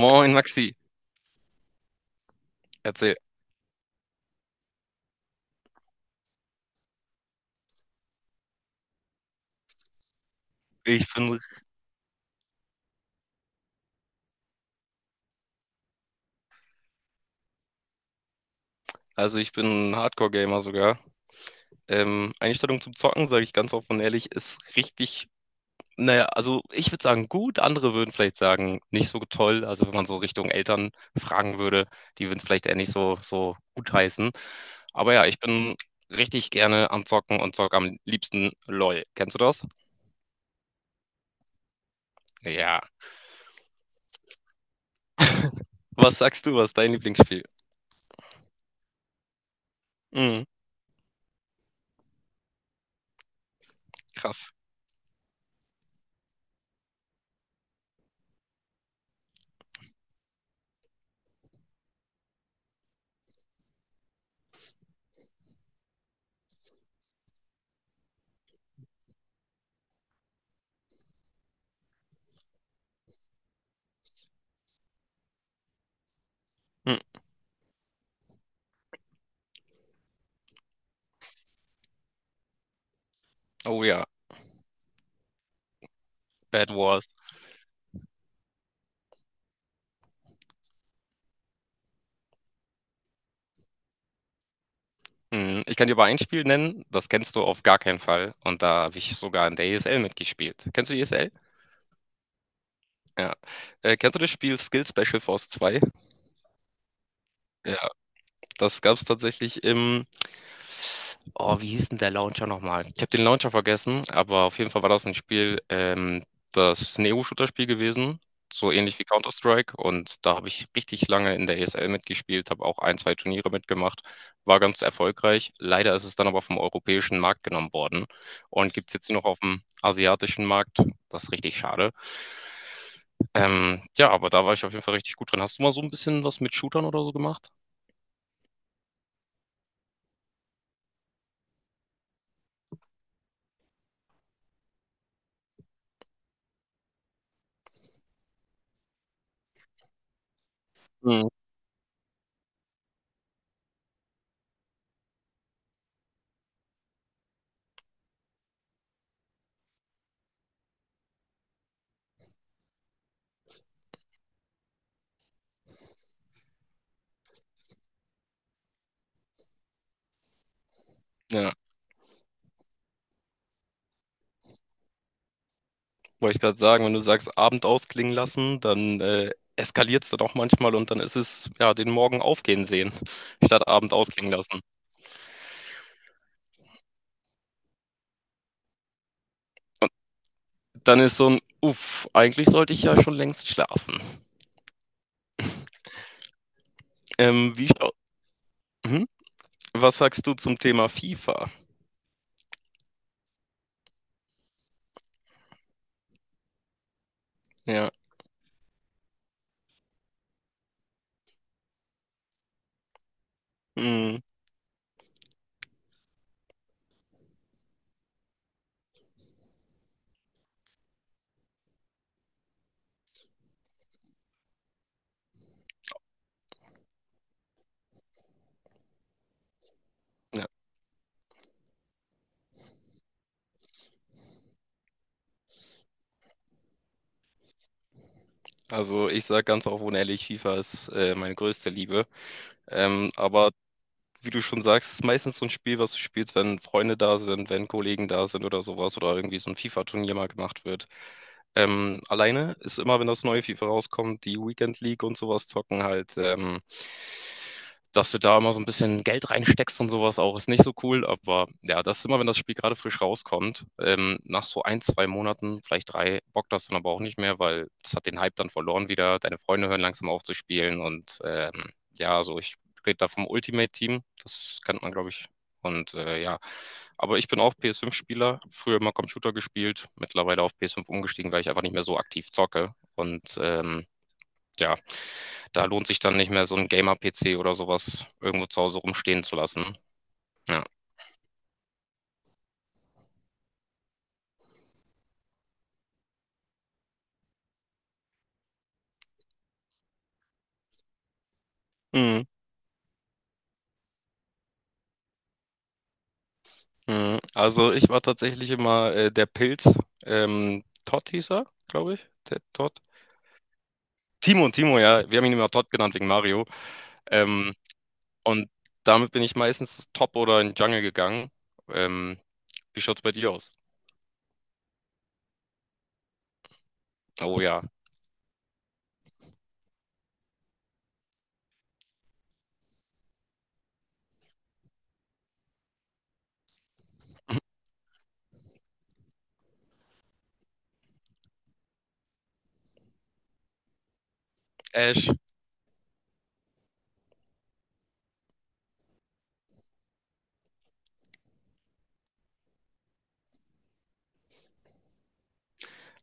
Moin Maxi, erzähl. Ich bin, also ich bin ein Hardcore-Gamer sogar. Einstellung zum Zocken, sage ich ganz offen und ehrlich, ist richtig, naja, also ich würde sagen gut, andere würden vielleicht sagen nicht so toll. Also wenn man so Richtung Eltern fragen würde, die würden es vielleicht eher nicht so gut heißen. Aber ja, ich bin richtig gerne am Zocken und zocke am liebsten LOL. Kennst du das? Ja. Was sagst du, was ist dein Lieblingsspiel? Mhm, krass. Mhm. Oh ja, Bad Wars. Mhm, ich kann dir aber ein Spiel nennen, das kennst du auf gar keinen Fall und da habe ich sogar in der ESL mitgespielt. Kennst du ESL? Ja. Kennst du das Spiel Skill Special Force 2? Das gab es tatsächlich im. Oh, wie hieß denn der Launcher nochmal? Ich habe den Launcher vergessen, aber auf jeden Fall war das ein Spiel, das ist ein EU-Shooter-Spiel gewesen, so ähnlich wie Counter-Strike. Und da habe ich richtig lange in der ESL mitgespielt, habe auch ein, zwei Turniere mitgemacht, war ganz erfolgreich. Leider ist es dann aber vom europäischen Markt genommen worden und gibt es jetzt nur noch auf dem asiatischen Markt. Das ist richtig schade. Ja, aber da war ich auf jeden Fall richtig gut drin. Hast du mal so ein bisschen was mit Shootern oder so gemacht? Mhm. Ja. Wollte ich gerade sagen, wenn du sagst, Abend ausklingen lassen, dann eskaliert es dann auch manchmal und dann ist es, ja, den Morgen aufgehen sehen, statt Abend ausklingen lassen. Dann ist so ein, uff, eigentlich sollte ich ja schon längst schlafen. Ähm, wie, schau- mhm. Was sagst du zum Thema FIFA? Ja, mm, ja. Also ich sage ganz offen und ehrlich, FIFA ist meine größte Liebe. Aber wie du schon sagst, ist meistens so ein Spiel, was du spielst, wenn Freunde da sind, wenn Kollegen da sind oder sowas oder irgendwie so ein FIFA-Turnier mal gemacht wird. Alleine ist immer, wenn das neue FIFA rauskommt, die Weekend League und sowas zocken halt dass du da immer so ein bisschen Geld reinsteckst und sowas auch, ist nicht so cool. Aber ja, das ist immer, wenn das Spiel gerade frisch rauskommt, nach so ein, zwei Monaten, vielleicht drei, bockt das dann aber auch nicht mehr, weil das hat den Hype dann verloren wieder. Deine Freunde hören langsam auf zu spielen und ja, also ich rede da vom Ultimate Team, das kennt man, glaube ich. Und ja, aber ich bin auch PS5-Spieler, früher immer Computer gespielt, mittlerweile auf PS5 umgestiegen, weil ich einfach nicht mehr so aktiv zocke. Und ja, da lohnt sich dann nicht mehr so 'n Gamer-PC oder sowas irgendwo zu Hause rumstehen zu lassen. Ja. Mhm, mhm. Also, ich war tatsächlich immer, der Pilz. Todd hieß er, glaube ich. Der Todd? Timo, Timo, ja. Wir haben ihn immer Todd genannt wegen Mario. Ähm, und damit bin ich meistens Top oder in Jungle gegangen. Ähm, Wie schaut's bei dir aus? Oh ja. Ash.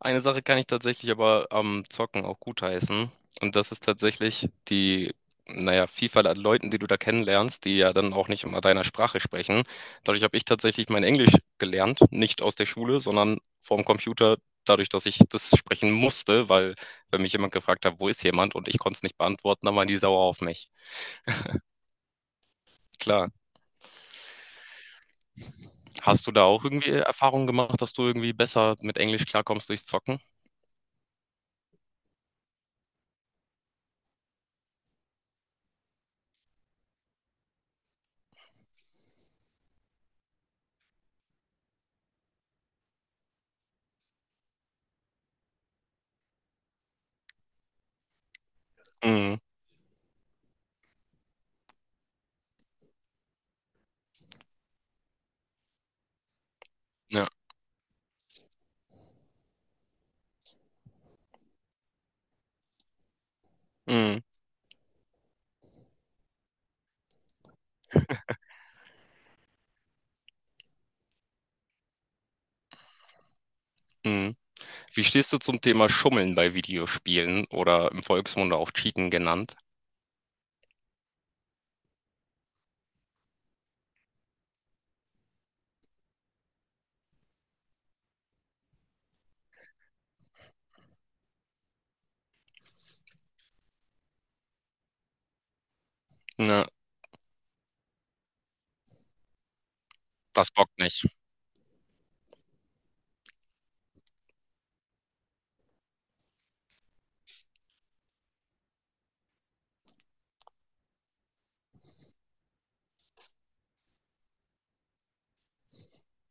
Eine Sache kann ich tatsächlich aber am Zocken auch gutheißen. Und das ist tatsächlich die, naja, Vielfalt an Leuten, die du da kennenlernst, die ja dann auch nicht immer deiner Sprache sprechen. Dadurch habe ich tatsächlich mein Englisch gelernt, nicht aus der Schule, sondern vorm Computer, dadurch, dass ich das sprechen musste, weil wenn mich jemand gefragt hat, wo ist jemand und ich konnte es nicht beantworten, dann waren die sauer auf mich. Klar. Hast du da auch irgendwie Erfahrungen gemacht, dass du irgendwie besser mit Englisch klarkommst durchs Zocken? Mhm. Ja. Mhm. Mhm. Wie stehst du zum Thema Schummeln bei Videospielen oder im Volksmund auch Cheaten genannt? Ja, das bockt nicht.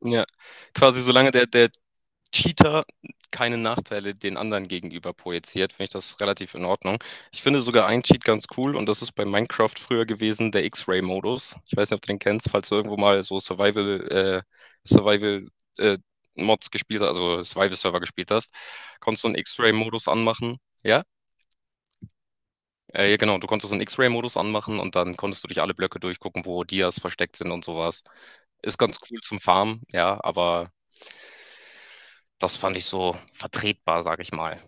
Ja, quasi solange der Cheater keine Nachteile den anderen gegenüber projiziert, finde ich das relativ in Ordnung. Ich finde sogar einen Cheat ganz cool und das ist bei Minecraft früher gewesen, der X-Ray-Modus. Ich weiß nicht, ob du den kennst, falls du irgendwo mal so Survival, Survival, äh, Mods gespielt hast, also Survival-Server gespielt hast, konntest du einen X-Ray-Modus anmachen. Ja, ja, genau, du konntest einen X-Ray-Modus anmachen und dann konntest du durch alle Blöcke durchgucken, wo Dias versteckt sind und sowas. Ist ganz cool zum Farmen, ja, aber das fand ich so vertretbar, sag ich mal.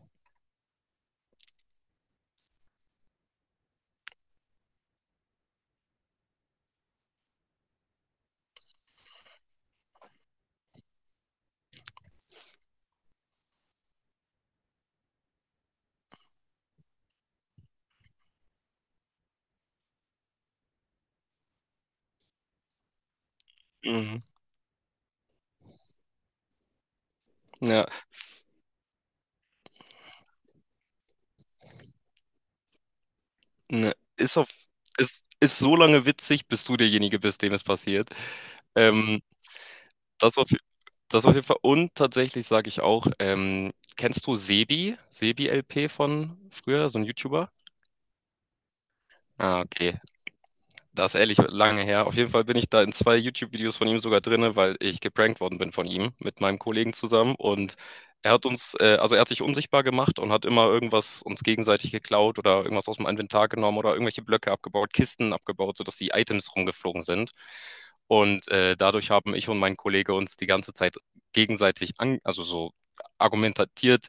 Mhm. Ja, ne. Ist so lange witzig, bis du derjenige bist, dem es passiert. Ähm, das auf, das auf jeden Fall. Und tatsächlich sage ich auch, kennst du Sebi? Sebi LP von früher, so ein YouTuber? Ah, okay. Das ist ehrlich lange her. Auf jeden Fall bin ich da in zwei YouTube-Videos von ihm sogar drinne, weil ich geprankt worden bin von ihm mit meinem Kollegen zusammen. Und er hat uns, also er hat sich unsichtbar gemacht und hat immer irgendwas uns gegenseitig geklaut oder irgendwas aus dem Inventar genommen oder irgendwelche Blöcke abgebaut, Kisten abgebaut, sodass die Items rumgeflogen sind. Und dadurch haben ich und mein Kollege uns die ganze Zeit gegenseitig an, also so argumentiert,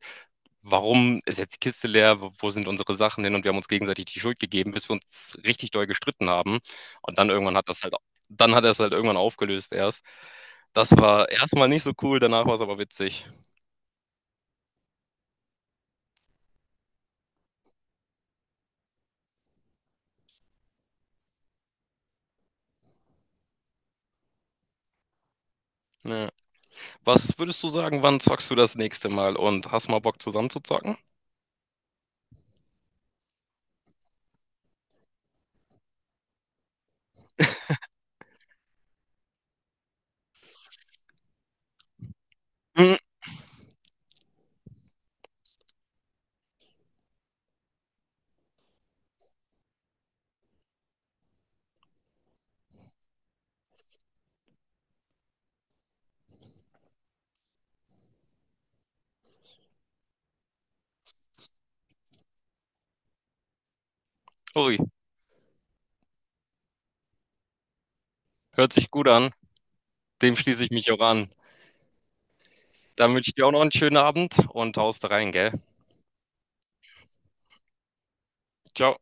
warum ist jetzt die Kiste leer, wo sind unsere Sachen hin? Und wir haben uns gegenseitig die Schuld gegeben, bis wir uns richtig doll gestritten haben. Und dann irgendwann hat das halt, dann hat er es halt irgendwann aufgelöst erst. Das war erstmal nicht so cool, danach war es aber witzig. Ja. Was würdest du sagen, wann zockst du das nächste Mal und hast mal Bock zusammen zu zocken? Hm, ui, hört sich gut an. Dem schließe ich mich auch an. Dann wünsche ich dir auch noch einen schönen Abend und haust rein, gell? Ciao.